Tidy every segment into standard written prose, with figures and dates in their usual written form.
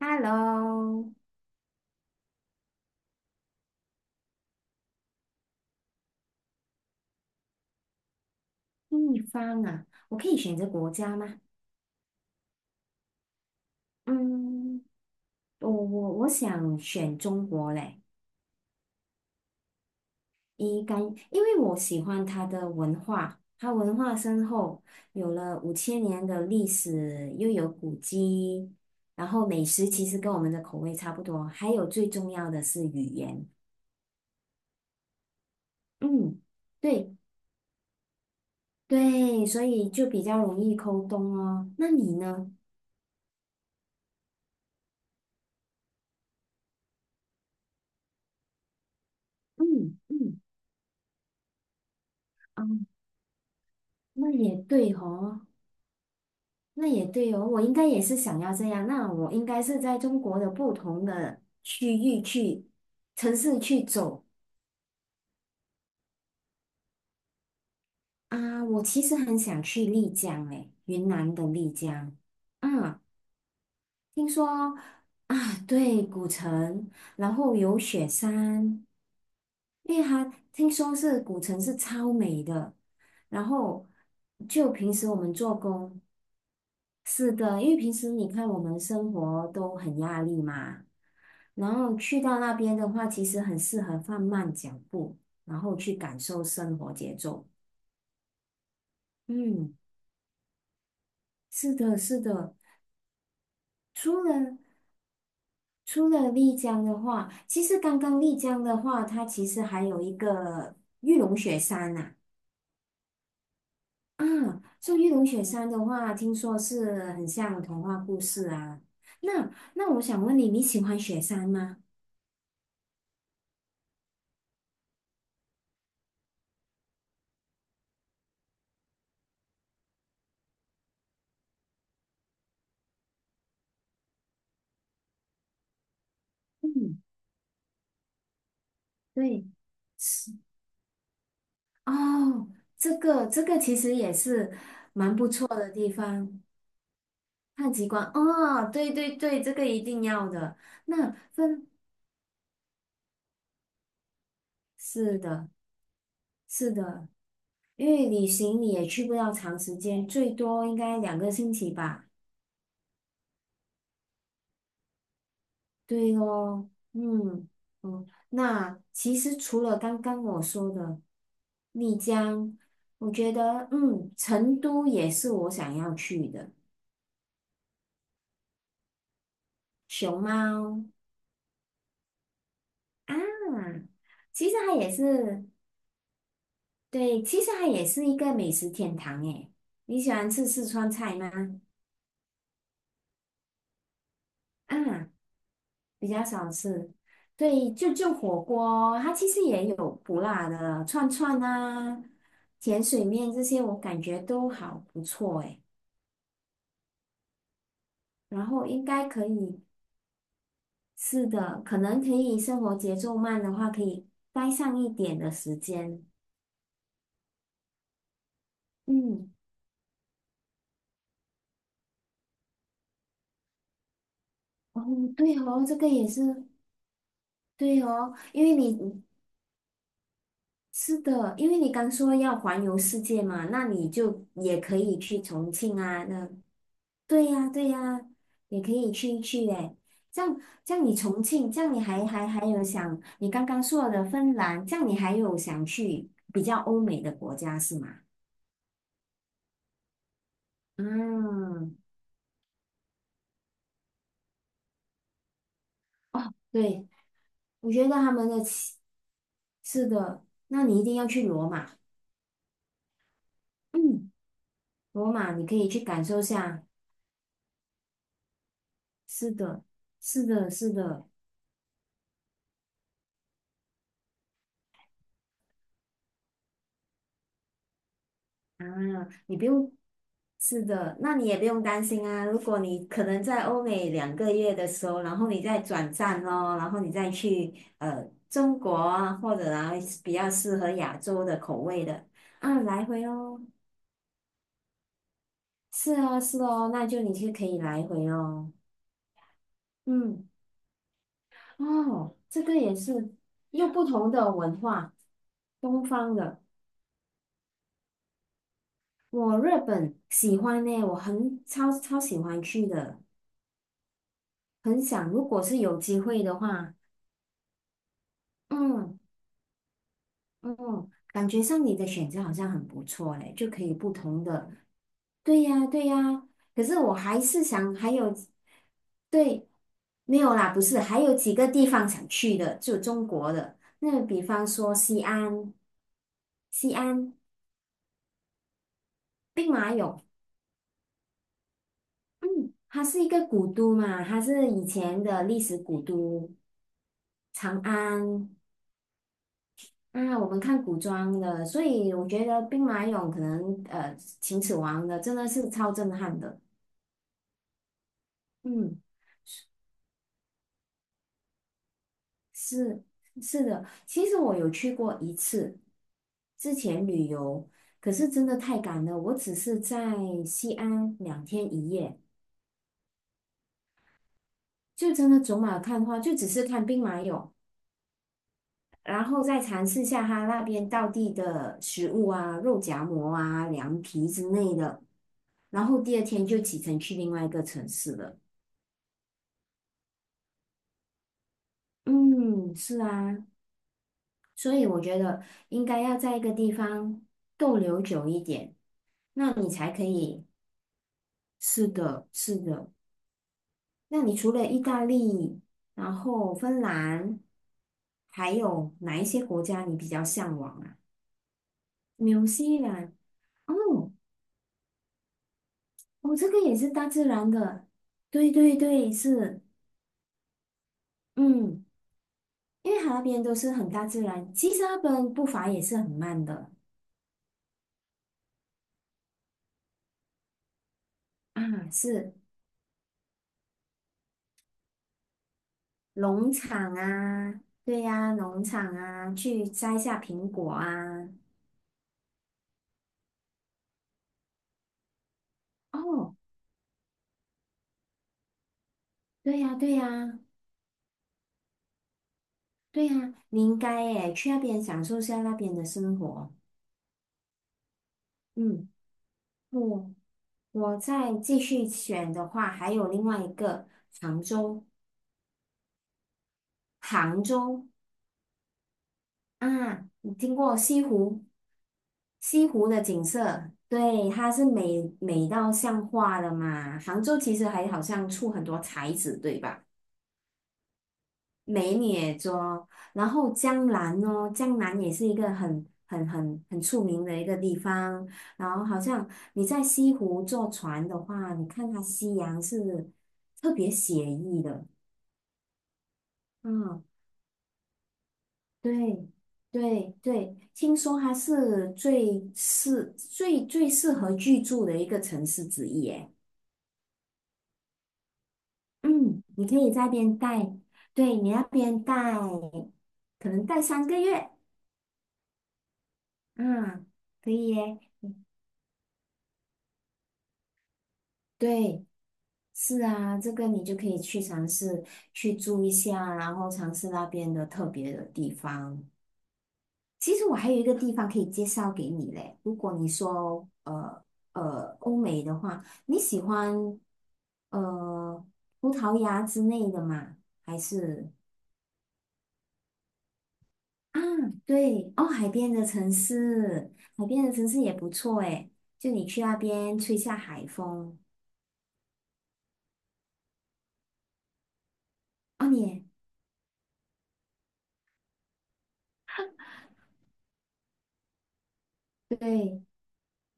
Hello，地方啊，我可以选择国家吗？嗯，我想选中国嘞。一干，因为我喜欢它的文化，它文化深厚，有了5000年的历史，又有古迹，然后美食其实跟我们的口味差不多，还有最重要的是语言。嗯，对对，所以就比较容易沟通哦。那你呢？嗯嗯，哦，那也对哦。那也对哦，我应该也是想要这样。那我应该是在中国的不同的区域去城市去走啊。我其实很想去丽江，诶，云南的丽江。啊，听说啊，对，古城，然后有雪山，因为它听说是古城是超美的。然后就平时我们做工。是的，因为平时你看我们生活都很压力嘛，然后去到那边的话，其实很适合放慢脚步，然后去感受生活节奏。嗯，是的，是的。除了除了丽江的话，其实刚刚丽江的话，它其实还有一个玉龙雪山呐、啊。啊，说玉龙雪山的话，听说是很像童话故事啊。那那我想问你，你喜欢雪山吗？嗯，对。是。哦，这个其实也是不错的地方，看极光。哦，对对对，这个一定要的。那分，是的，是的，因为旅行你也去不了长时间，最多应该2个星期吧。对咯，嗯嗯。那其实除了刚刚我说的丽江，我觉得成都也是我想要去的。熊猫，嗯，其实它也是。对，其实它也是一个美食天堂诶。你喜欢吃四川菜吗？啊，比较少吃。对，就火锅，它其实也有不辣的串串啊、甜水面这些，我感觉都好不错诶。然后应该可以是的，可能可以生活节奏慢的话，可以待上一点的时间。嗯，哦，对哦，这个也是对哦，因为你是的，因为你刚说要环游世界嘛，那你就也可以去重庆啊，那对呀，对呀，也可以去一去诶。这样，这样你重庆，这样你还有想，你刚刚说的芬兰，这样你还有想去比较欧美的国家是吗？嗯，哦，对，我觉得他们的气是的，那你一定要去罗马。嗯，罗马你可以去感受下，是的，是的，是的。啊，你不用，是的，那你也不用担心啊。如果你可能在欧美2个月的时候，然后你再转站哦，然后你再去中国啊，或者啊比较适合亚洲的口味的啊，来回哦。是啊，是哦，那就你就可以来回哦。嗯，哦，这个也是又不同的文化，东方的。我日本喜欢呢，我很超喜欢去的。很想，如果是有机会的话，嗯嗯，感觉上你的选择好像很不错嘞，就可以不同的，对呀对呀。可是我还是想还有对，没有啦，不是，还有几个地方想去的，就中国的，那比方说西安。西安兵马俑，嗯，它是一个古都嘛，它是以前的历史古都，长安。啊，我们看古装的，所以我觉得兵马俑可能秦始皇的真的是超震撼的。嗯，是是的，其实我有去过一次，之前旅游，可是真的太赶了，我只是在西安2天1夜，就真的走马看花，就只是看兵马俑，然后再尝试下他那边道地的食物啊，肉夹馍啊、凉皮之类的，然后第二天就启程去另外一个城市了。嗯，是啊，所以我觉得应该要在一个地方逗留久一点，那你才可以。是的，是的。那你除了意大利，然后芬兰，还有哪一些国家你比较向往啊？纽西兰，哦，哦，这个也是大自然的。对对对，是，嗯，因为它那边都是很大自然，其实那边步伐也是很慢的啊，是。农场啊，对呀、农场啊，去摘下苹果啊。哦，对呀、对呀、对呀、你应该诶，去那边享受下那边的生活。嗯，我我再继续选的话，还有另外一个杭州。杭州啊，你听过西湖？西湖的景色，对，它是美美到像画的嘛。杭州其实还好像出很多才子，对吧？美女洲，然后江南哦，江南也是一个很出名的一个地方。然后好像你在西湖坐船的话，你看它夕阳是特别写意的。嗯，对对对，听说它是最适合居住的一个城市之一。耶。嗯，你可以在那边待，对你那边待，可能待3个月。嗯，可以耶。对。是啊，这个你就可以去尝试去住一下，然后尝试那边的特别的地方。其实我还有一个地方可以介绍给你嘞。如果你说欧美的话，你喜欢呃葡萄牙之类的吗？还是啊对哦海边的城市，海边的城市也不错诶。就你去那边吹下海风哦，你也对。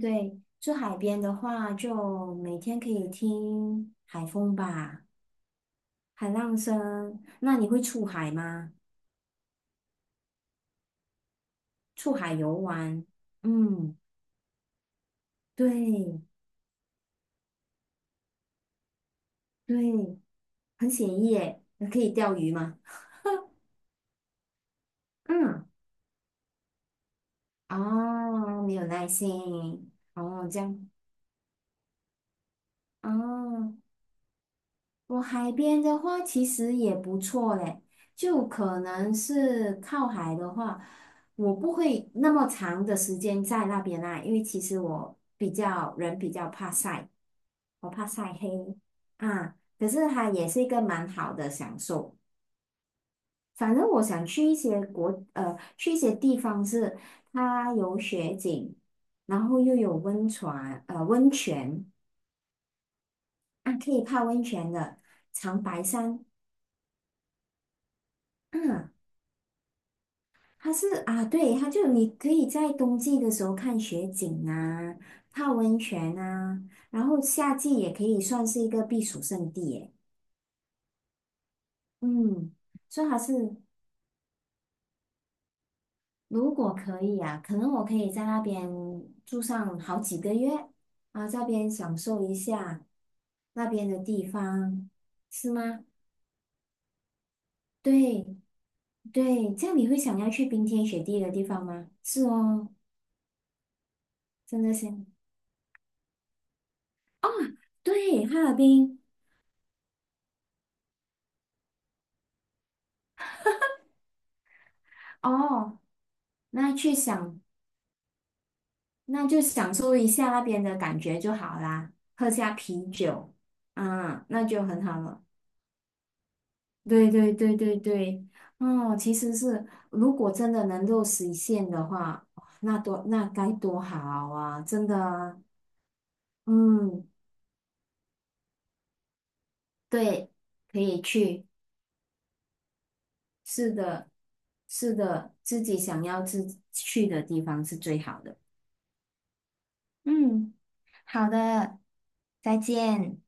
对，住海边的话，就每天可以听海风吧，海浪声。那你会出海吗？出海游玩？嗯，对对，很写意耶。那可以钓鱼吗？嗯，哦，没有耐心。哦，这样。哦，我海边的话其实也不错嘞，就可能是靠海的话，我不会那么长的时间在那边啦，因为其实我比较人比较怕晒，我怕晒黑啊。可是它也是一个蛮好的享受。反正我想去一些国去一些地方是它有雪景，然后又有温泉温泉啊，可以泡温泉的长白山。啊。它是啊，对，它就你可以在冬季的时候看雪景啊，泡温泉啊，然后夏季也可以算是一个避暑胜地耶。嗯，所以还是如果可以啊，可能我可以在那边住上好几个月啊，这边享受一下那边的地方，是吗？对对，这样你会想要去冰天雪地的地方吗？是哦，真的是。哦对，哈尔滨哦，那去享，那就享受一下那边的感觉就好啦，喝下啤酒，啊，那就很好了。对对对对对，哦，其实是如果真的能够实现的话，哇那多那该多好啊！真的啊嗯，对，可以去，是的，是的，自己想要自去的地方是最好的。嗯，好的，再见。